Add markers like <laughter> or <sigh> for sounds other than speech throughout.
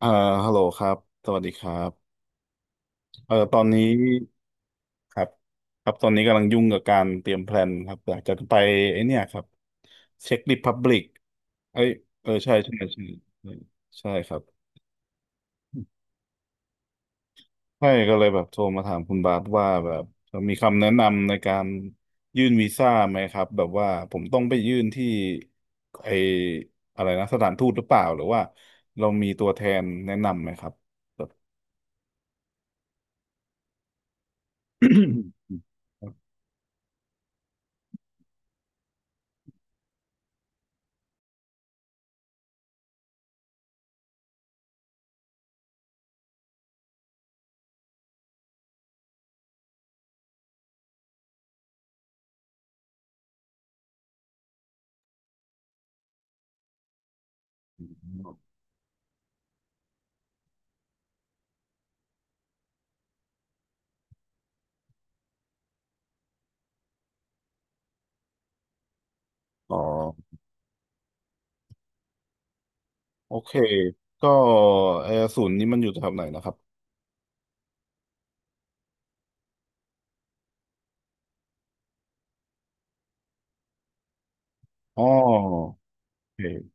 อ่าฮัลโหลครับสวัสดีครับตอนนี้ครับครับ ตอนนี้กำลังยุ่งกับการเตรียมแพลนครับอยากจะไปไอ้เนี่ยครับเช็คริพับลิกเอ้ยเออใช่ใช่ใช่ใช่ใช่ครับใช่ก็เลยแบบโทรมาถามคุณบาสว่าแบบมีคำแนะนำในการยื่นวีซ่าไหมครับแบบว่าผมต้องไปยื่นที่ไออะไรนะสถานทูตหรือเปล่าหรือว่าเรามีตัวแทนแนะนำไหมครับแบบ <coughs> อ๋อ โอเค ก็แอร์ศูนย์นี่มันอยู่แถวไหนนะครับอ๋อโอเค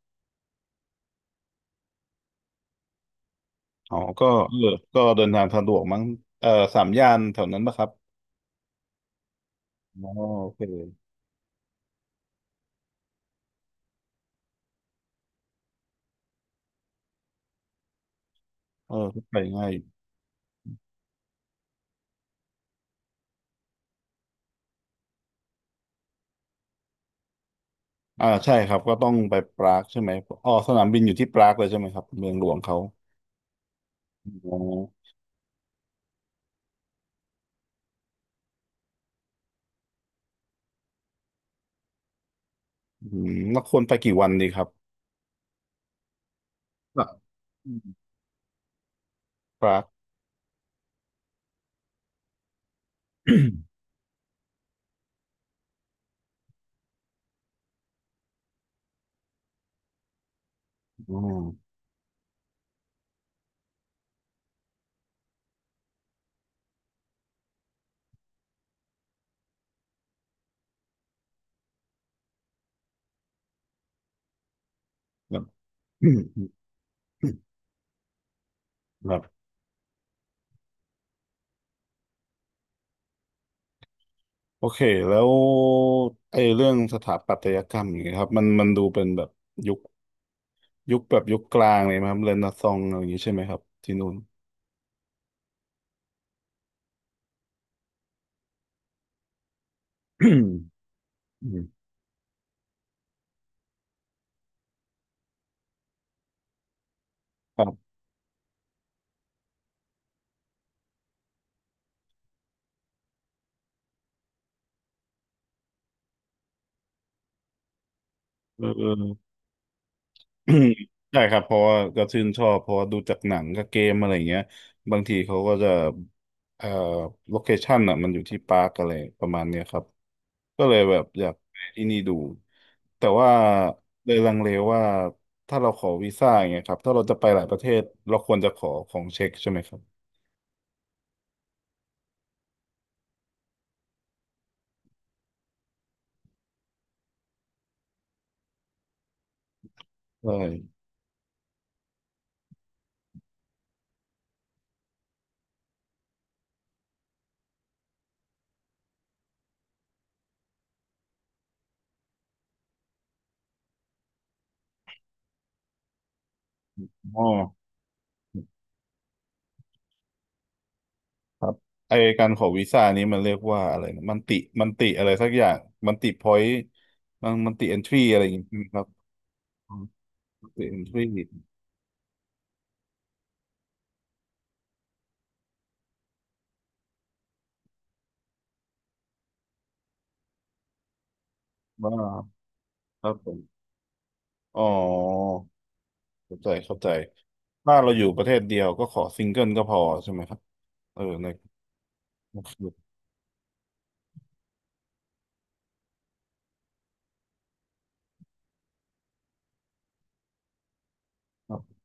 อ๋อก็เออก็เดินทางสะดวกมั้งเออสามย่านแถวนั้นปะครับอ๋อโอเคเออก็ไปง่ายอยู่อ่าใช่ครับ ก็ต้องไปปรากใช่ไหมอ๋อสนามบินอยู่ที่ปรากเลยใช่ไหมครับเมืองหลวงเขาอ๋ออืมแล้วควรไปกี่วันดีครับอ่ะอืมปราก <coughs> อ๋อแบบ <coughs> แบบ โอเคแล้วไอ้เรื่องสถาปัตยกรรมอย่างเงี้ยครับมันดูเป็นแบบยุคยุคกลางเลยไหมครับเรเนซองส์อะไรอย่างงี้ใช่ไหมครับที่นู่น <clears throat> อืมครับเออ <coughs> อืมใช่ครับเพราะว่าก็ชื่นชอบเพราะว่าดูจากหนังกับเกมอะไรอย่างเงี้ยบางทีเขาก็จะเอ่อโลเคชั่นอ่ะมันอยู่ที่ปาร์คอะไรประมาณเนี้ยครับก็เลยแบบอยากไปที่นี่ดูแต่ว่าเลยลังเลว่าถ้าเราขอวีซ่าอย่างเงี้ยครับถ้าเราจะไปหลายประเทศเราควรจะขอของเช็คใช่ไหมครับใช่อ๋อครับไอการขอวีซ่านี้มันเรียกว่าอะไรนะมันติมันติอะไรสักอย่างมันติพอยต์มันติเอนทรีอะไรอย่างเงี้ยครับ เป็นที่บ่าครับผมอ๋อเข้าใจเข้าใจถ้าเราอยู่ประเทศเดียวก็ขอซิงเกิลก็พอใช่ไหมครับเออในในคืครับ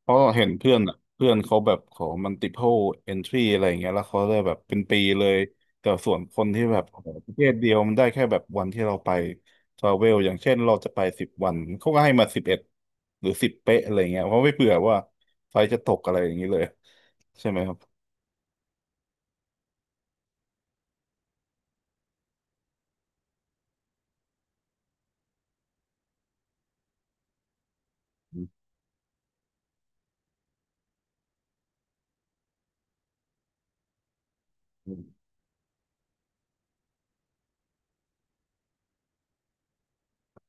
เพราะเห็นเพื่อนอ่ะเพื่อนเขาแบบขอมัลติ p l า entry อะไรอย่างเงี้ยแล้วเขาได้แบบเป็นปีเลยแต่ส่วนคนที่แบบขอประเทศเดียวมันได้แค่แบบวันที่เราไปทราเวลอย่างเช่นเราจะไป10 วันเขาก็ให้มา11หรือสิบเป๊ะอะไรเงี้ยเพราะไม่เผื่อว่าไฟจะตกอะไรอย่างนี้เลยใช่ไหมครับ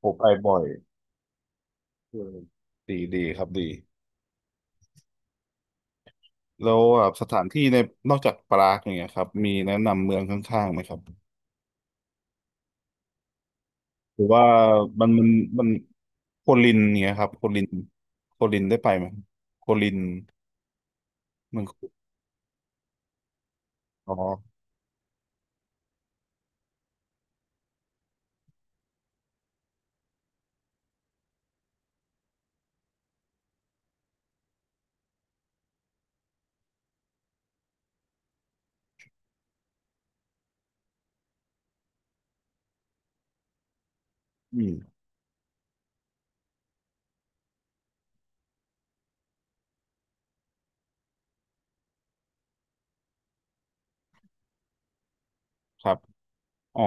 ผมไปบ่อยอืมดีดีครับดี แล้วแบบสถานที่ในนอกจากปรากอย่างเงี้ยครับมีแนะนำเมืองข้างๆไหมครับหรือว่ามันมันมันโคลินเนี่ยครับโคลินโคลินได้ไปไหมโคลินเมืองโคลินอ๋ออืมครับอ๋อ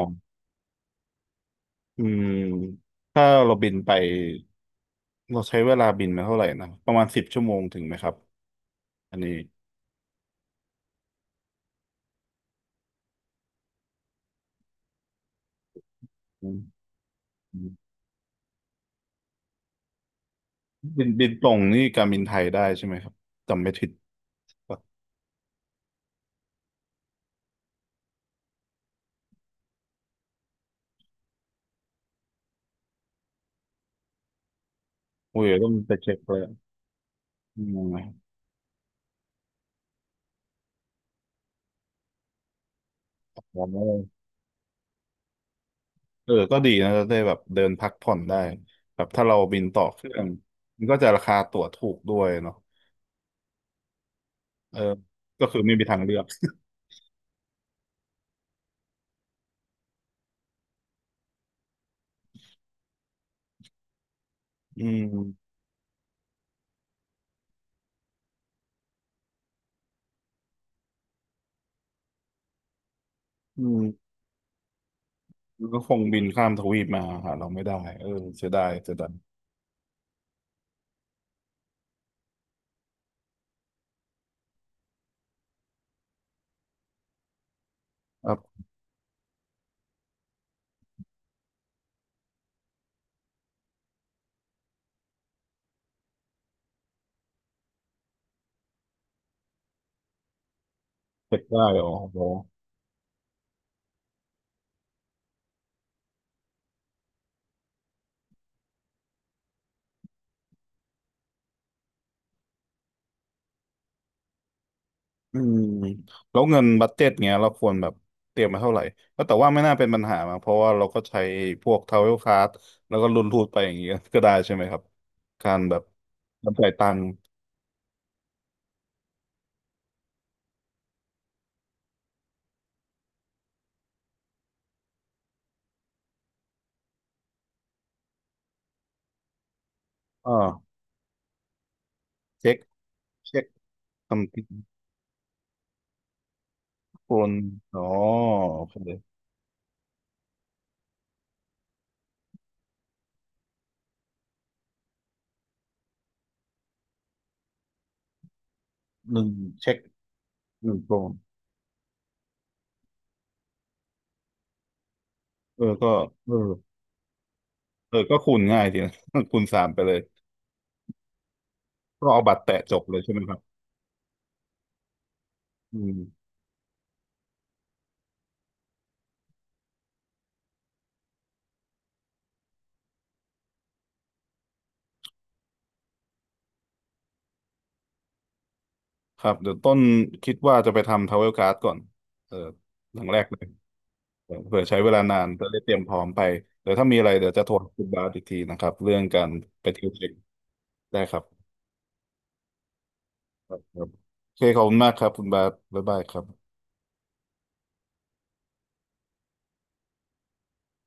อืมถ้าเราบินไปเราใช้เวลาบินมาเท่าไหร่นะประมาณ10 ชั่วโมงถึงไหมครับอันนี้อืมอืมบินตรงนี่การบินไทยได้ใช่ไหมครับจำไม่ผิดป่ะอุ้ยต้องไปเช็คเลย อืมโอ้เออก็ดีนะจะได้แบบเดินพักผ่อนได้แบบถ้าเราบินต่อเครื่องมันก็จะราคาตั๋วถูกด้วยเนาะเออก็คือไม่มีทางเลือกอืมอืมมันก็คงบินข้ามทวีปมาหาเราไม่ได้เออเสียดายเสียดายครับเก็บได้อ๋อโหอืมแล้วเงินบัดเจ็ตเงี้ยเราควรแบบเตรียมมาเท่าไหร่ก็แต่ว่าไม่น่าเป็นปัญหามาเพราะว่าเราก็ใช้พวกทราเวลการ์ดแล้วก็รุนรูดไปอย่างเงี้ยก็ได้ใช่ไหมครับการแบบการจ่ายตังค์อ่า เช็คเช็คทำกินโกนอ๋อโอเคหนึ่งเช็ค1 โกนเออก็เออเออก็คูณง่ายดีนะ <laughs> คูณสามไปเลยก็เอาบัตรแตะจบเลยใช่ไหมครับอืมครับเดี๋ยวต้นคิดว่าจะไปทำท r a เวลก a r d ก่อนเอออย่างแรกเลยเออเผื่อใช้เวลานานจะได้เตรียมพร้อมไปเดี๋ยวถ้ามีอะไรเดี๋ยวจะโทรคุณบาสอีกทีนะครับเรื่องการไปเที่ยวเช็คได้ครับครับโอเคขอบคุณมากครับคุณบาสบ๊ายบายครับ